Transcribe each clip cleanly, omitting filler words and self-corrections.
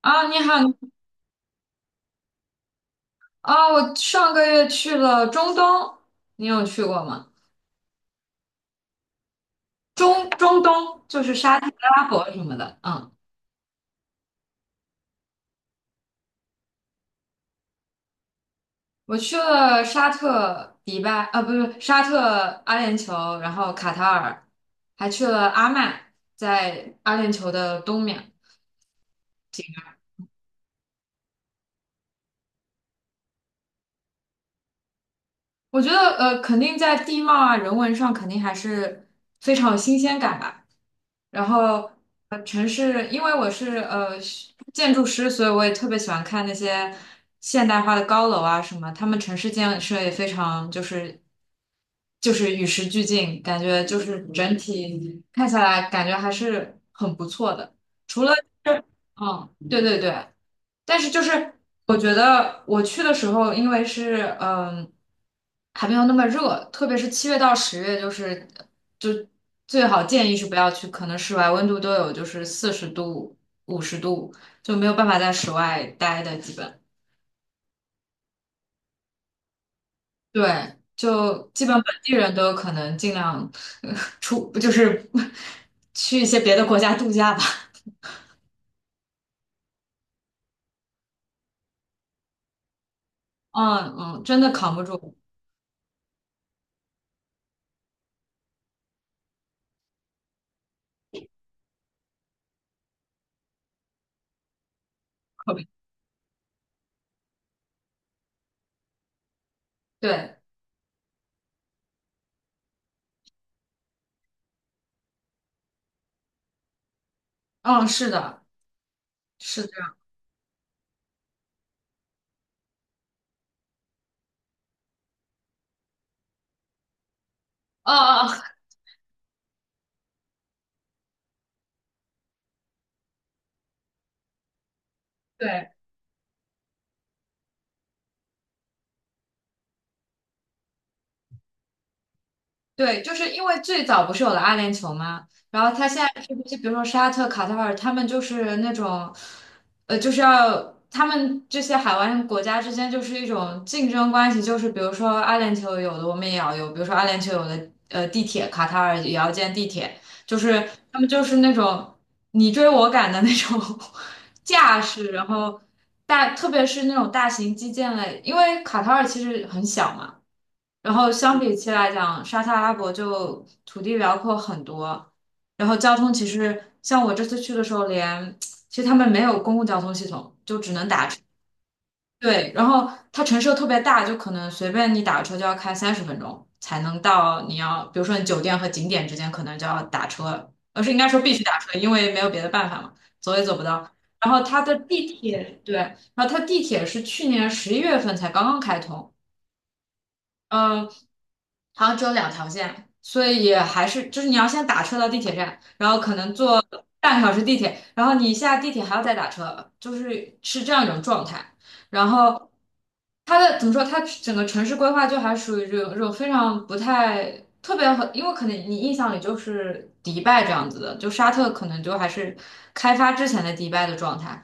啊，你好。啊，我上个月去了中东，你有去过吗？中东就是沙特、阿拉伯什么的。嗯，我去了沙特、迪拜，啊，不是沙特、阿联酋，然后卡塔尔，还去了阿曼，在阿联酋的东面。我觉得肯定在地貌啊、人文上肯定还是非常有新鲜感吧。然后城市，因为我是建筑师，所以我也特别喜欢看那些现代化的高楼啊什么，他们城市建设也非常就是与时俱进，感觉就是整体看下来感觉还是很不错的。除了对对对，但是就是我觉得我去的时候，因为是还没有那么热，特别是7月到10月，就最好建议是不要去，可能室外温度都有就是40度、50度，就没有办法在室外待的，基本对，就基本本地人都有可能尽量呃 出，就是 去一些别的国家度假吧。嗯嗯，真的扛不住，特别对，嗯，是的，是这样，哦哦，哦对。对，就是因为最早不是有了阿联酋吗？然后他现在是不是比如说沙特、卡塔尔，他们就是那种，就是要他们这些海湾国家之间就是一种竞争关系，就是比如说阿联酋有的我们也要有，比如说阿联酋有的地铁，卡塔尔也要建地铁，就是他们就是那种你追我赶的那种 架势。然后大特别是那种大型基建类，因为卡塔尔其实很小嘛。然后相比起来讲，沙特阿拉伯就土地辽阔很多，然后交通其实像我这次去的时候连，其实他们没有公共交通系统，就对，然后它城市又特别大，就可能随便你打个车就要开30分钟才能到你要，比如说你酒店和景点之间可能就要打车，而是应该说必须打车，因为没有别的办法嘛，走也走不到。然后它的地铁，对，然后它地铁是去年11月份才刚刚开通。嗯，好像只有两条线，所以也还是就是你要先打车到地铁站，然后可能坐半个小时地铁，然后你下地铁还要再打车，就是是这样一种状态。然后它的怎么说，它整个城市规划就还属于这种非常不太特别和，因为可能你印象里就是迪拜这样子的，就沙特可能就还是开发之前的迪拜的状态。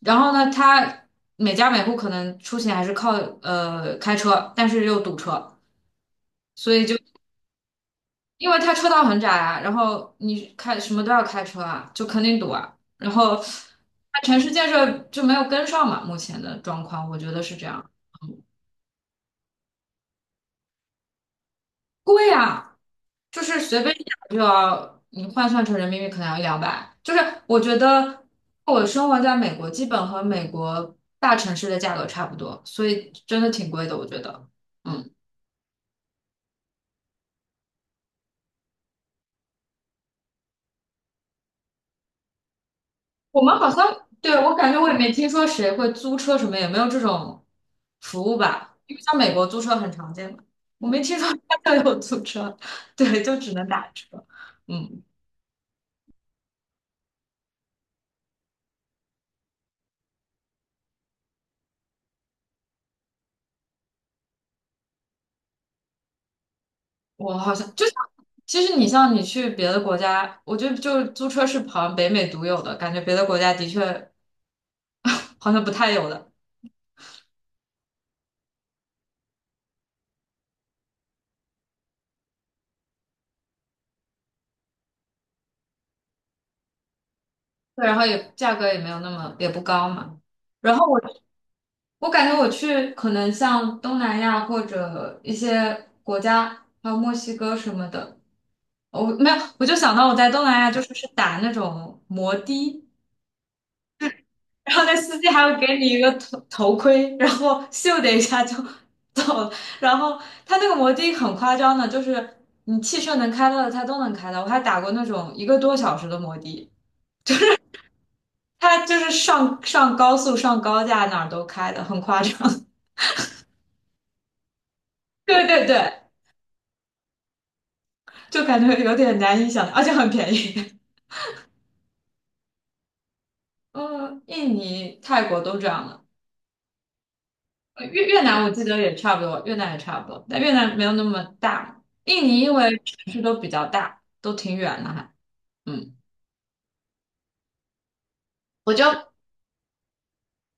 然后呢，它每家每户可能出行还是靠开车，但是又堵车。所以就因为它车道很窄啊，然后你开什么都要开车啊，就肯定堵啊。然后它城市建设就没有跟上嘛，目前的状况我觉得是这样。贵啊，就是随便一打就要，你换算成人民币可能要一两百。就是我觉得我生活在美国，基本和美国大城市的价格差不多，所以真的挺贵的，我觉得。嗯。我们好像，对，我感觉我也没听说谁会租车什么，也没有这种服务吧？因为像美国租车很常见嘛，我没听说他们有租车，对，就只能打车。嗯，我好像就像，其实你像你去别的国家，我觉得就租车是好像北美独有的，感觉别的国家的确 好像不太有的。对，然后也价格也没有那么也不高嘛。然后我。我感觉我去可能像东南亚或者一些国家，还有墨西哥什么的，我没有，我就想到我在东南亚就是打那种摩的，然后那司机还会给你一个头盔，然后咻的一下就走了，然后他那个摩的很夸张的，就是你汽车能开到的他都能开到，我还打过那种一个多小时的摩的，他就是上高速上高架哪儿都开的，很夸张。对对对，就感觉有点难以想象，而且很便宜。嗯，印尼、泰国都这样了。越南我记得也差不多，越南也差不多，但越南没有那么大。印尼因为城市都比较大，都挺远的还。嗯，我就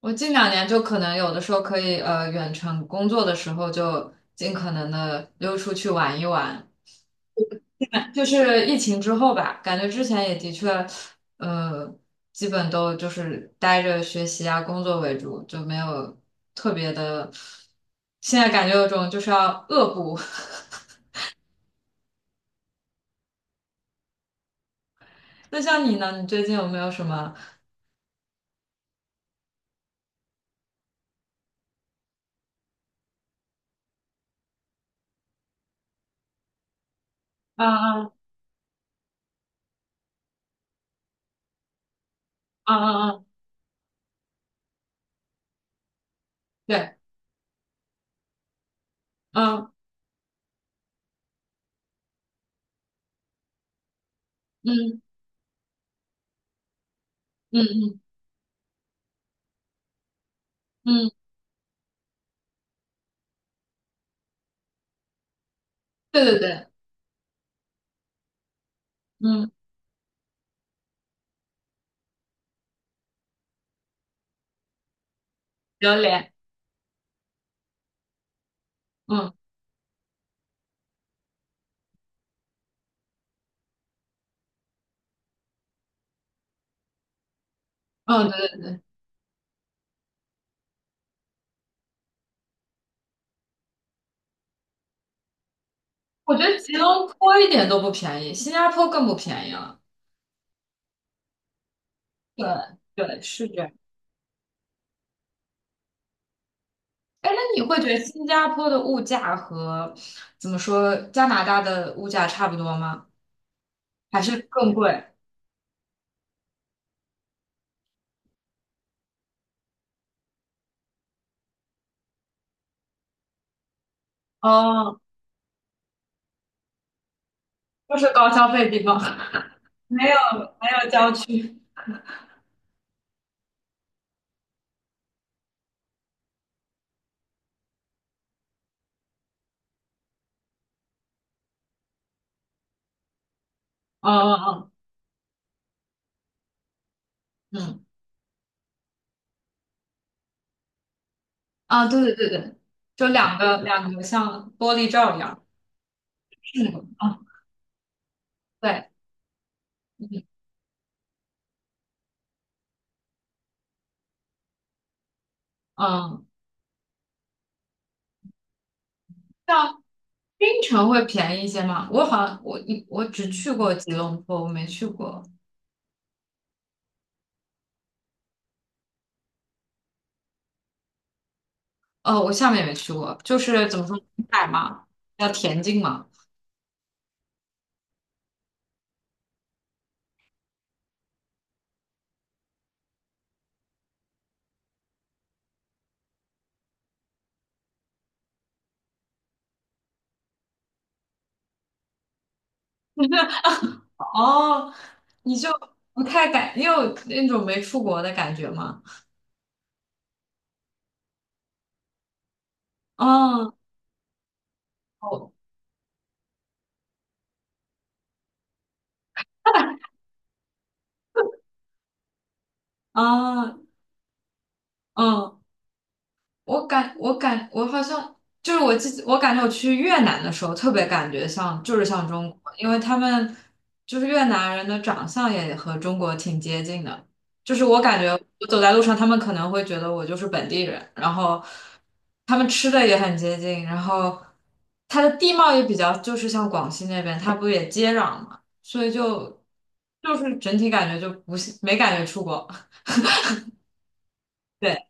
我近两年就可能有的时候可以远程工作的时候就尽可能的溜出去玩一玩，就是疫情之后吧，感觉之前也的确，呃，基本都就是待着学习啊、工作为主，就没有特别的。现在感觉有种就是要恶补。那像你呢？你最近有没有什么？啊啊啊啊啊！对，嗯嗯嗯嗯嗯，对对对，嗯，榴莲，嗯嗯，对对对。我觉得吉隆坡一点都不便宜，新加坡更不便宜了。对对，是这样。哎，那你会觉得新加坡的物价和怎么说加拿大的物价差不多吗？还是更贵？哦，都是高消费地方。没有没有郊区。哦哦哦，嗯啊，对对对对，就两个两个像玻璃罩一样。嗯啊，对，嗯，像槟城会便宜一些吗？我好像我只去过吉隆坡，我没去过。哦，我厦门也没去过，就是怎么说，沿海嘛，要田径嘛。哦，你就不太感，你有那种没出国的感觉吗？哦，哦，哦，嗯。我好像就是我记得，我感觉我去越南的时候特别感觉像就是像中国，因为他们就是越南人的长相也和中国挺接近的，就是我感觉我走在路上，他们可能会觉得我就是本地人，然后他们吃的也很接近，然后它的地貌也比较就是像广西那边，它不也接壤嘛，所以就是整体感觉就不是没感觉出国。对。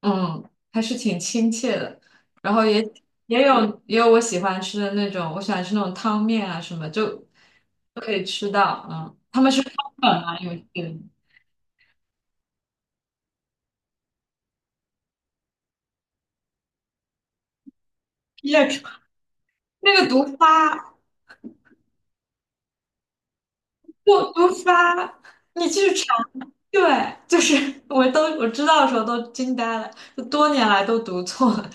嗯，还是挺亲切的。然后也有我喜欢吃的那种，我喜欢吃那种汤面啊什么，就都可以吃到。嗯，本难有点那种那个毒发，不毒发，你去尝，对，就是 我都我知道的时候都惊呆了，就多年来都读错了，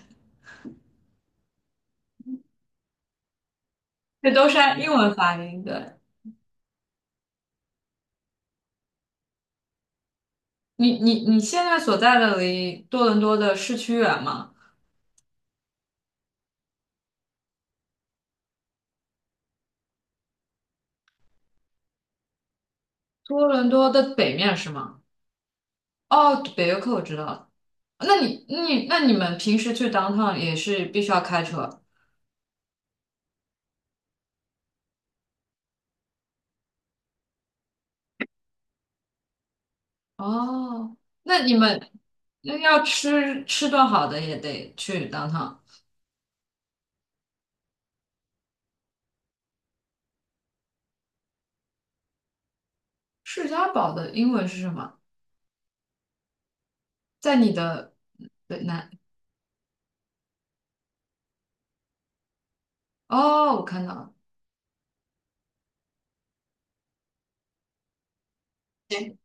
这都是按英文发音。的。你现在所在的离多伦多的市区远吗？多伦多的北面是吗？哦，北约克我知道。了。那你们平时去 downtown 也是必须要开车哦？那你们要吃顿好的也得去 downtown。世家堡的英文是什么？在你的对南哦，我看到了。对，